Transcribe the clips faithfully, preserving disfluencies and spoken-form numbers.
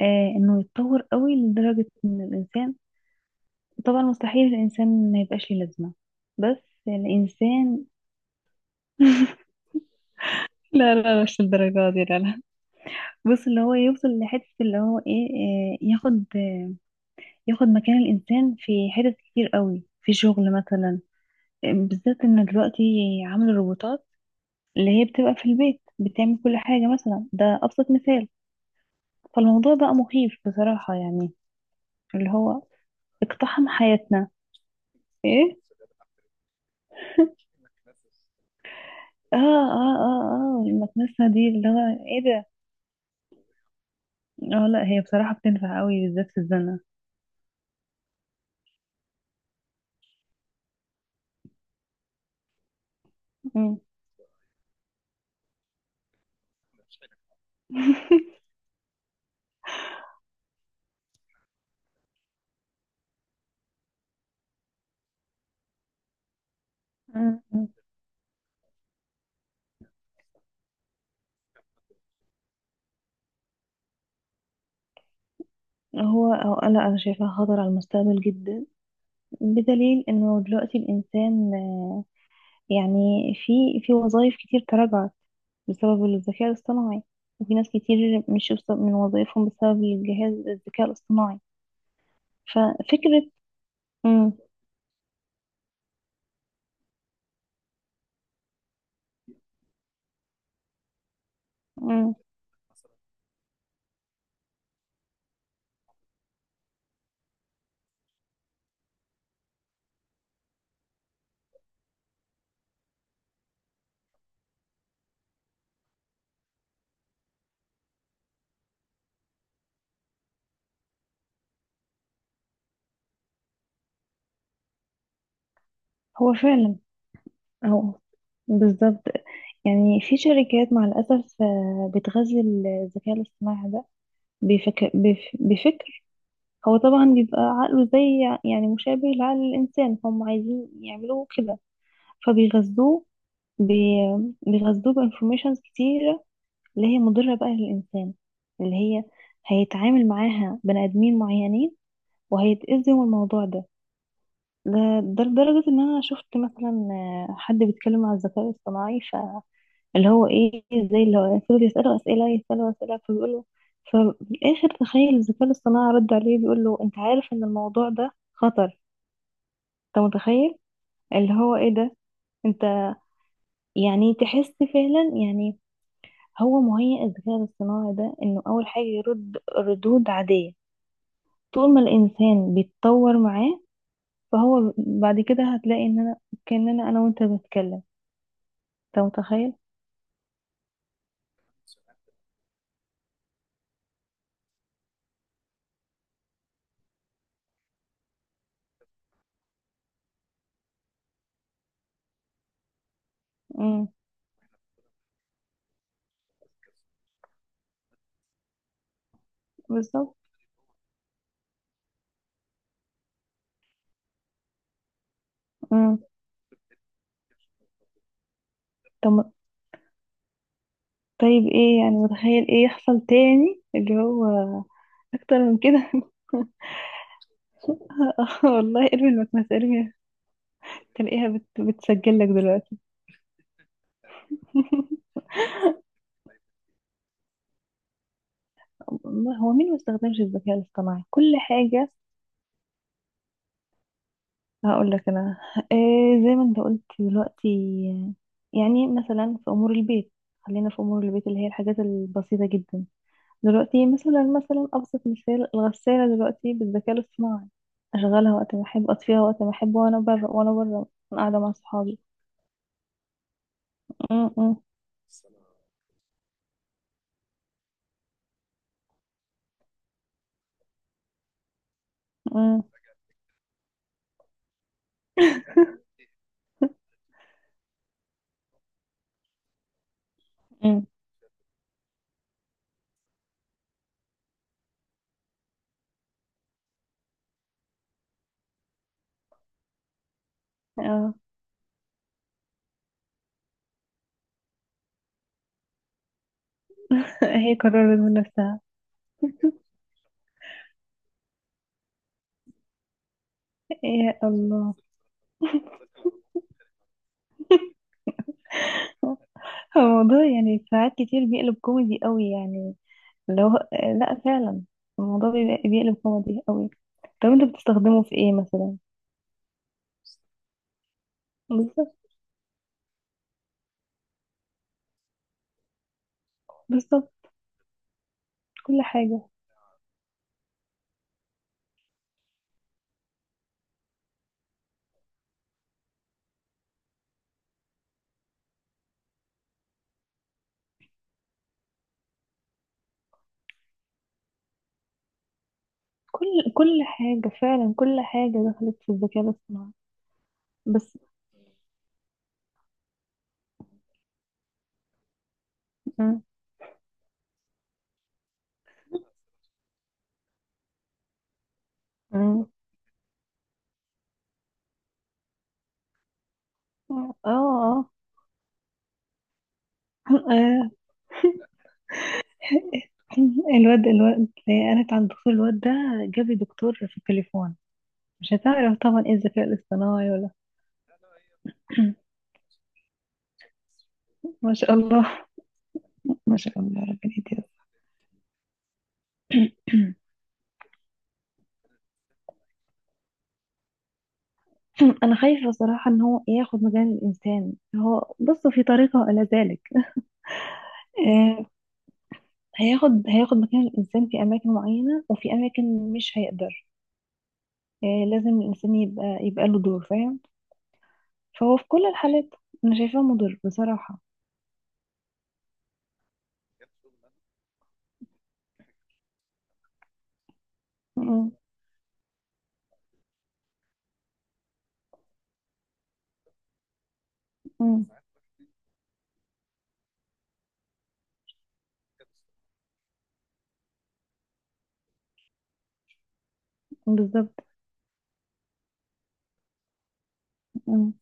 آه انه يتطور قوي لدرجة ان الانسان، طبعا مستحيل الانسان ما يبقاش ليه لازمة، بس الانسان. لا لا لا، مش الدرجة دي، لا لا. بص، اللي هو يوصل لحتة، اللي هو ايه، آه ياخد آه ياخد مكان الانسان في حتت كتير قوي، في شغل مثلا. آه، بالذات ان دلوقتي عملوا الروبوتات اللي هي بتبقى في البيت بتعمل كل حاجة، مثلا ده ابسط مثال. فالموضوع بقى مخيف بصراحة، يعني اللي هو اقتحم حياتنا. ايه؟ اه اه اه اه، المكنسة دي اللي هو ايه ده. اه، لا هي بصراحة بتنفع قوي، بالذات في الزنة. مم. مم. مم. هو أو لا، أنا شايفاها خطر على المستقبل جدا. بدليل إنه دلوقتي الإنسان آه، يعني في في وظائف كتير تراجعت بسبب الذكاء الاصطناعي. وفي ناس كتير مشوا بس- من وظائفهم بسبب الجهاز الذكاء الاصطناعي. ففكرة. مم. مم. هو فعلا، أو بالظبط. يعني في شركات مع الأسف آه، بتغذي الذكاء الاصطناعي ده. بفكر, بف بفكر هو طبعا بيبقى عقله زي، يعني مشابه لعقل الإنسان، هم عايزين يعملوه كده. فبيغذوه بي- بيغذوه بانفورميشنز كتيرة، اللي هي مضرة بقى للإنسان، اللي هي هيتعامل معاها بني آدمين معينين، وهيتأذوا من الموضوع ده. ده ده لدرجة إن أنا شفت مثلا آه، حد بيتكلم عن الذكاء الاصطناعي، اللي هو ايه، زي اللي هو يفضلوا يسألوا أسئلة، يسألوا أسئلة، فبيقولوا. ففي الآخر، تخيل الذكاء الاصطناعي رد عليه، بيقول له أنت عارف إن الموضوع ده خطر، أنت متخيل؟ اللي هو ايه ده. أنت يعني تحس فعلا، يعني هو مهيئ الذكاء الاصطناعي ده إنه أول حاجة يرد ردود عادية، طول ما الإنسان بيتطور معاه. فهو بعد كده هتلاقي إن أنا كأننا أنا وأنت بنتكلم. أنت متخيل؟ امم بالظبط. امم طب طيب ايه، يعني متخيل ايه يحصل تاني، اللي هو اكتر من كده. آه والله، ارمي المكنسة، ارمي. تلاقيها بت... بتسجل لك دلوقتي. الله، هو مين ما استخدمش الذكاء الاصطناعي؟ كل حاجة. هقول لك انا إيه، زي ما انت قلت دلوقتي، يعني مثلا في امور البيت. خلينا في امور البيت اللي هي الحاجات البسيطة جدا. دلوقتي مثلا مثلا ابسط مثال، الغسالة دلوقتي بالذكاء الاصطناعي. اشغلها وقت ما احب، اطفيها وقت ما احب، وانا بره وانا بره، قاعدة مع صحابي. مم. مم. اه. هي قررت من نفسها. يا الله. هو الموضوع يعني ساعات كتير بيقلب كوميدي قوي، يعني لو لا فعلا، الموضوع بيبقى- بيقلب كوميدي قوي. طب انت بتستخدمه في ايه مثلا؟ بالظبط، بالظبط. كل حاجة، كل كل حاجة فعلا، كل حاجة دخلت في الذكاء الاصطناعي. بس. مم. مم. اه اه. آه. الواد الواد انا كان دكتور، الواد ده جاب لي دكتور في التليفون. مش هتعرف طبعا ايه الذكاء الاصطناعي ولا. ما شاء الله، ما شاء الله، ربنا يديمك. انا خايفه صراحه ان هو ياخد مكان الانسان، هو بص في طريقه الى ذلك. آه، هياخد هياخد مكان الانسان في اماكن معينه، وفي اماكن مش هيقدر. آه، لازم الانسان يبقى يبقى له دور، فاهم. فهو في كل الحالات انا شايفاه مضر بصراحه. م- م- م. بالظبط. م-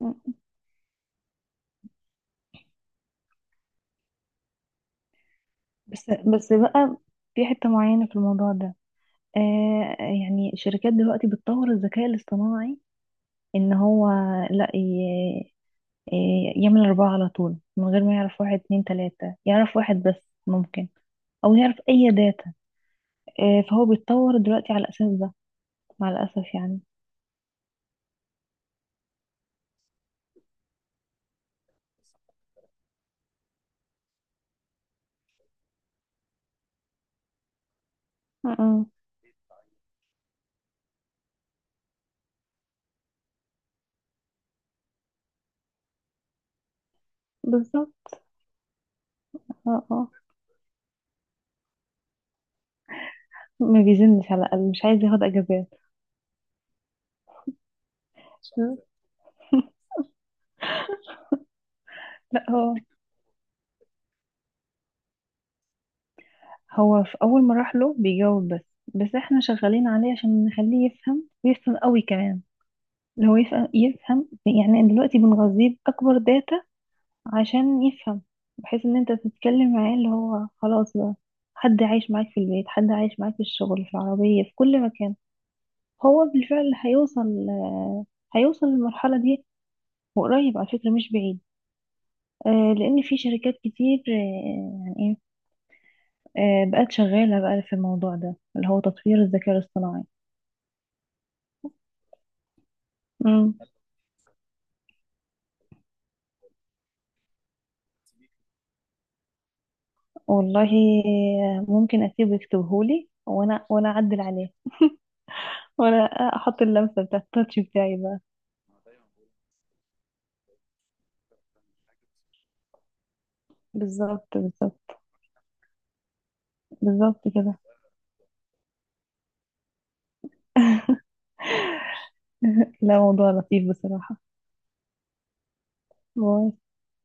م. بس بس بقى، في حته معينه في الموضوع ده. آه يعني الشركات دلوقتي بتطور الذكاء الاصطناعي، ان هو لا، ي- ي- يعمل اربعة على طول من غير ما يعرف واحد اتنين تلاتة، يعرف واحد بس. ممكن او يعرف اي داتا. آه، فهو بيتطور دلوقتي على الاساس ده، مع الاسف يعني. م- م. بالظبط. اه اه، ما بيزنش، على الاقل مش عايز ياخد اجازات. م. لا هو هو في اول ما راح له بيجاوب بس. بس احنا شغالين عليه عشان نخليه يفهم، ويفهم قوي كمان. اللي هو يفهم يفهم، يعني دلوقتي بنغذيه باكبر داتا عشان يفهم، بحيث ان انت تتكلم معاه اللي هو خلاص بقى، حد عايش معاك في البيت، حد عايش معاك في الشغل، في العربية، في كل مكان. هو بالفعل هيوصل، آه، هيوصل للمرحلة دي. وقريب على فكرة، مش بعيد. آه، لان في شركات كتير آه، يعني ايه، آه، بقت شغالة بقى في الموضوع ده، اللي هو تطوير الذكاء الاصطناعي. مم. والله آه، ممكن اسيبه يكتبهولي، وانا وانا اعدل عليه. وانا احط اللمسة بتاعت التاتش بتاعي بقى. بالظبط، بالظبط، بالظبط كده. لا، موضوع لطيف بصراحة، موضوع